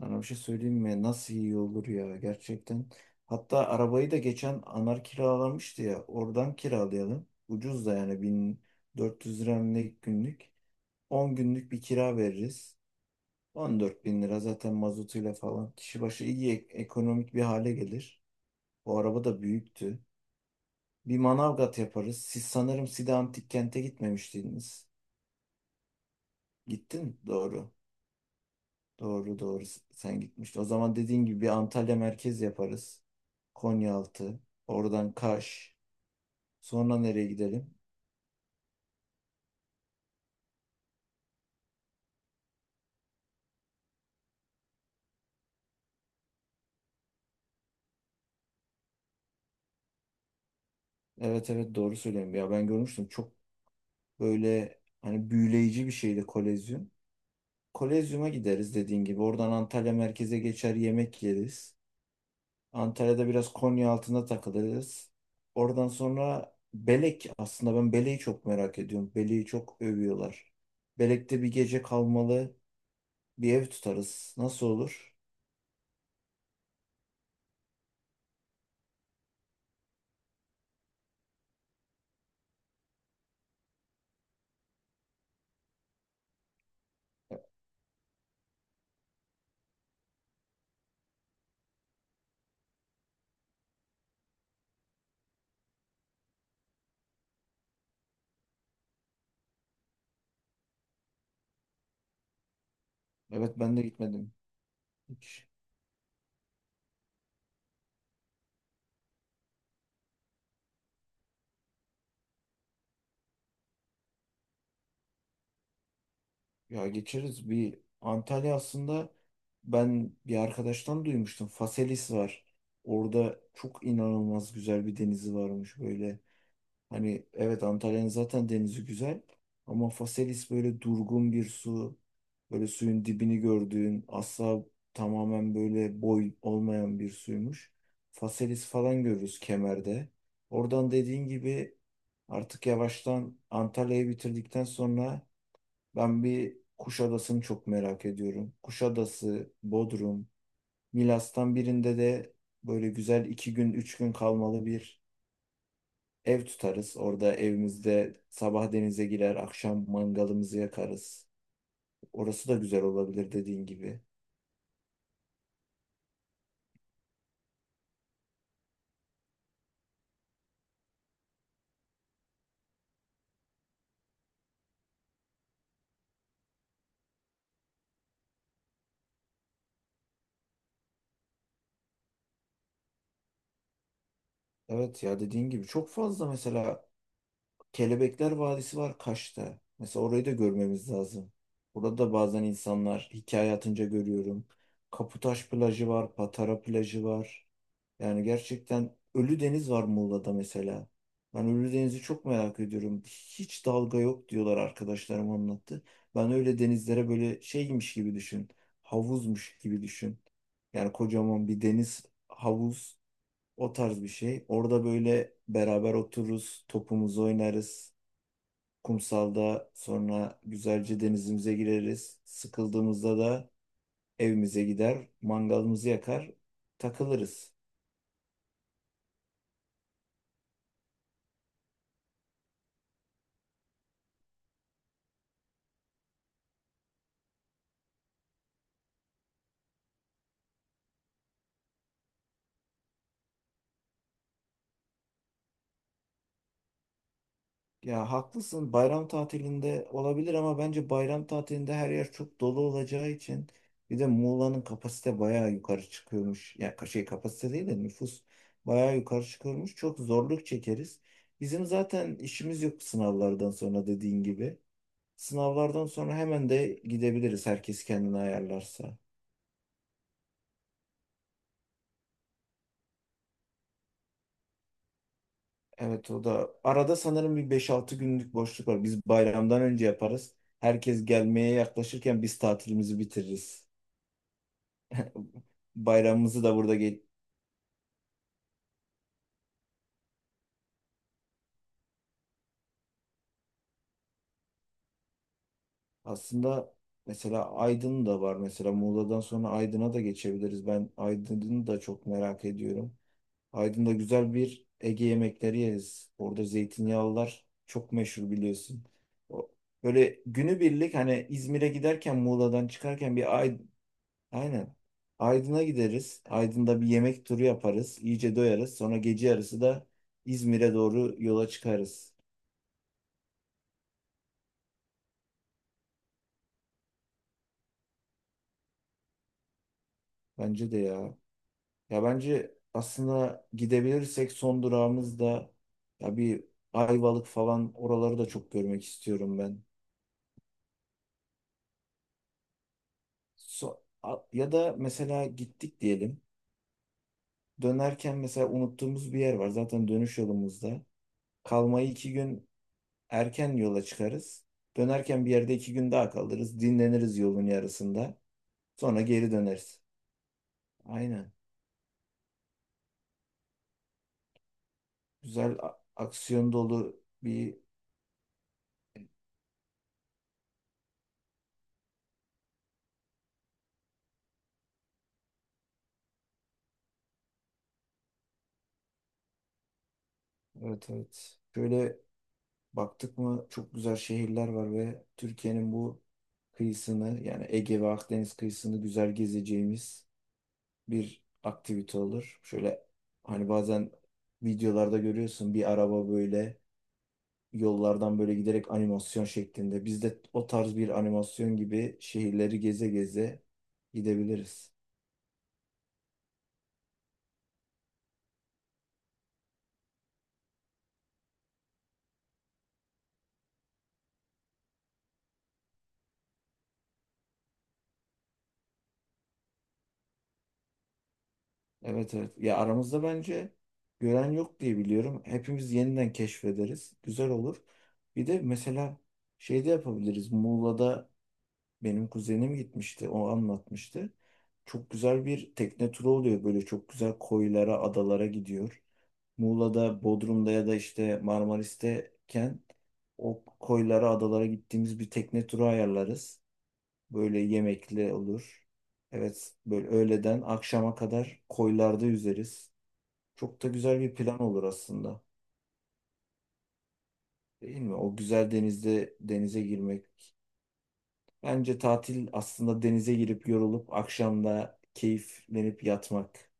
Sana bir şey söyleyeyim mi? Nasıl iyi olur ya gerçekten. Hatta arabayı da geçen Anar kiralamıştı ya. Oradan kiralayalım. Ucuz da yani 1400 lira ne günlük. 10 günlük bir kira veririz. 14 bin lira zaten mazotuyla falan. Kişi başı iyi ekonomik bir hale gelir. O araba da büyüktü. Bir Manavgat yaparız. Siz sanırım Side Antik Kent'e gitmemiştiniz. Gittin mi? Doğru. Doğru doğru sen gitmiştin. O zaman dediğin gibi bir Antalya merkez yaparız. Konyaaltı. Oradan Kaş. Sonra nereye gidelim? Evet evet doğru söylüyorum. Ya ben görmüştüm. Çok böyle hani büyüleyici bir şeydi Kolezyum. Kolezyum'a gideriz dediğin gibi. Oradan Antalya merkeze geçer yemek yeriz. Antalya'da biraz Konya Konyaaltı'nda takılırız. Oradan sonra Belek. Aslında ben Belek'i çok merak ediyorum. Belek'i çok övüyorlar. Belek'te bir gece kalmalı. Bir ev tutarız. Nasıl olur? Evet ben de gitmedim. Hiç. Ya geçeriz. Bir Antalya aslında ben bir arkadaştan duymuştum. Faselis var. Orada çok inanılmaz güzel bir denizi varmış böyle. Hani evet Antalya'nın zaten denizi güzel ama Faselis böyle durgun bir su. Böyle suyun dibini gördüğün asla tamamen böyle boy olmayan bir suymuş. Faselis falan görürüz kemerde. Oradan dediğin gibi artık yavaştan Antalya'yı bitirdikten sonra ben bir Kuşadası'nı çok merak ediyorum. Kuşadası, Bodrum, Milas'tan birinde de böyle güzel 2 gün, 3 gün kalmalı bir ev tutarız. Orada evimizde sabah denize girer, akşam mangalımızı yakarız. Orası da güzel olabilir dediğin gibi. Evet ya dediğin gibi çok fazla mesela Kelebekler Vadisi var Kaş'ta. Mesela orayı da görmemiz lazım. Burada da bazen insanlar hikaye atınca görüyorum. Kaputaş plajı var, Patara plajı var. Yani gerçekten Ölüdeniz var Muğla'da mesela. Ben Ölüdeniz'i çok merak ediyorum. Hiç dalga yok diyorlar arkadaşlarım anlattı. Ben öyle denizlere böyle şeymiş gibi düşün. Havuzmuş gibi düşün. Yani kocaman bir deniz havuz o tarz bir şey. Orada böyle beraber otururuz, topumuzu oynarız. Kumsalda sonra güzelce denizimize gireriz. Sıkıldığımızda da evimize gider, mangalımızı yakar, takılırız. Ya haklısın bayram tatilinde olabilir ama bence bayram tatilinde her yer çok dolu olacağı için bir de Muğla'nın kapasite bayağı yukarı çıkıyormuş. Ya şey kapasite değil de nüfus bayağı yukarı çıkıyormuş. Çok zorluk çekeriz. Bizim zaten işimiz yok sınavlardan sonra dediğin gibi. Sınavlardan sonra hemen de gidebiliriz herkes kendini ayarlarsa. Evet o da. Arada sanırım bir 5-6 günlük boşluk var. Biz bayramdan önce yaparız. Herkes gelmeye yaklaşırken biz tatilimizi bitiririz. Bayramımızı da burada geç... Aslında mesela Aydın da var. Mesela Muğla'dan sonra Aydın'a da geçebiliriz. Ben Aydın'ı da çok merak ediyorum. Aydın'da güzel bir Ege yemekleri yeriz. Orada zeytinyağlılar çok meşhur biliyorsun. O- Böyle günübirlik hani İzmir'e giderken Muğla'dan çıkarken bir Aynen. Aydın'a gideriz. Aydın'da bir yemek turu yaparız. İyice doyarız. Sonra gece yarısı da İzmir'e doğru yola çıkarız. Bence de ya. Ya bence aslında gidebilirsek son durağımız da ya bir Ayvalık falan oraları da çok görmek istiyorum ben. Ya da mesela gittik diyelim. Dönerken mesela unuttuğumuz bir yer var. Zaten dönüş yolumuzda. Kalmayı iki gün erken yola çıkarız. Dönerken bir yerde 2 gün daha kalırız. Dinleniriz yolun yarısında. Sonra geri döneriz. Aynen. Güzel aksiyon dolu bir evet evet. Şöyle baktık mı çok güzel şehirler var ve Türkiye'nin bu kıyısını yani Ege ve Akdeniz kıyısını güzel gezeceğimiz bir aktivite olur. Şöyle hani bazen videolarda görüyorsun bir araba böyle yollardan böyle giderek animasyon şeklinde. Biz de o tarz bir animasyon gibi şehirleri geze geze gidebiliriz. Evet evet. Ya aramızda bence gören yok diye biliyorum. Hepimiz yeniden keşfederiz. Güzel olur. Bir de mesela şey de yapabiliriz. Muğla'da benim kuzenim gitmişti. O anlatmıştı. Çok güzel bir tekne turu oluyor. Böyle çok güzel koylara, adalara gidiyor. Muğla'da, Bodrum'da ya da işte Marmaris'teyken o koylara, adalara gittiğimiz bir tekne turu ayarlarız. Böyle yemekli olur. Evet, böyle öğleden akşama kadar koylarda yüzeriz. Çok da güzel bir plan olur aslında. Değil mi? O güzel denizde denize girmek. Bence tatil aslında denize girip yorulup akşamda keyiflenip yatmak.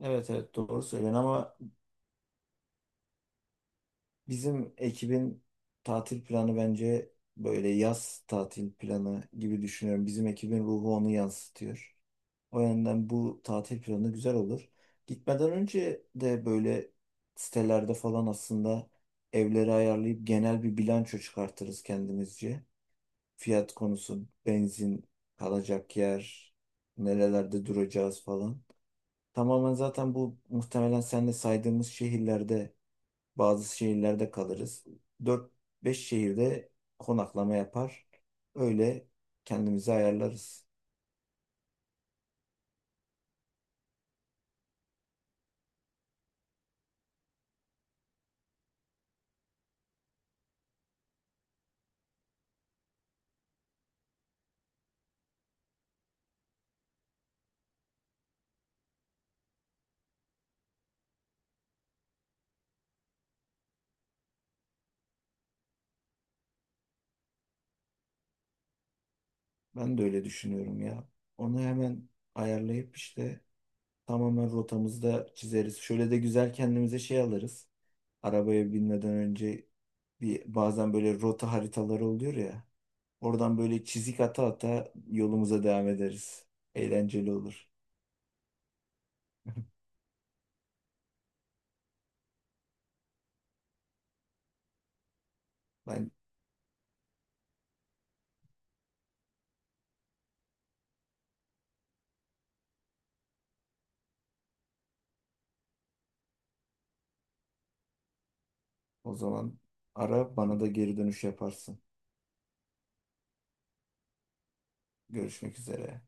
Evet evet doğru söylen ama bizim ekibin tatil planı bence böyle yaz tatil planı gibi düşünüyorum. Bizim ekibin ruhu onu yansıtıyor. O yönden bu tatil planı güzel olur. Gitmeden önce de böyle sitelerde falan aslında evleri ayarlayıp genel bir bilanço çıkartırız kendimizce. Fiyat konusu, benzin, kalacak yer, nerelerde duracağız falan. Tamamen zaten bu muhtemelen sen de saydığımız şehirlerde bazı şehirlerde kalırız. Dört beş şehirde konaklama yapar. Öyle kendimizi ayarlarız. Ben de öyle düşünüyorum ya. Onu hemen ayarlayıp işte tamamen rotamızı da çizeriz. Şöyle de güzel kendimize şey alırız. Arabaya binmeden önce bir bazen böyle rota haritaları oluyor ya. Oradan böyle çizik ata ata yolumuza devam ederiz. Eğlenceli olur. Ben o zaman ara bana da geri dönüş yaparsın. Görüşmek üzere.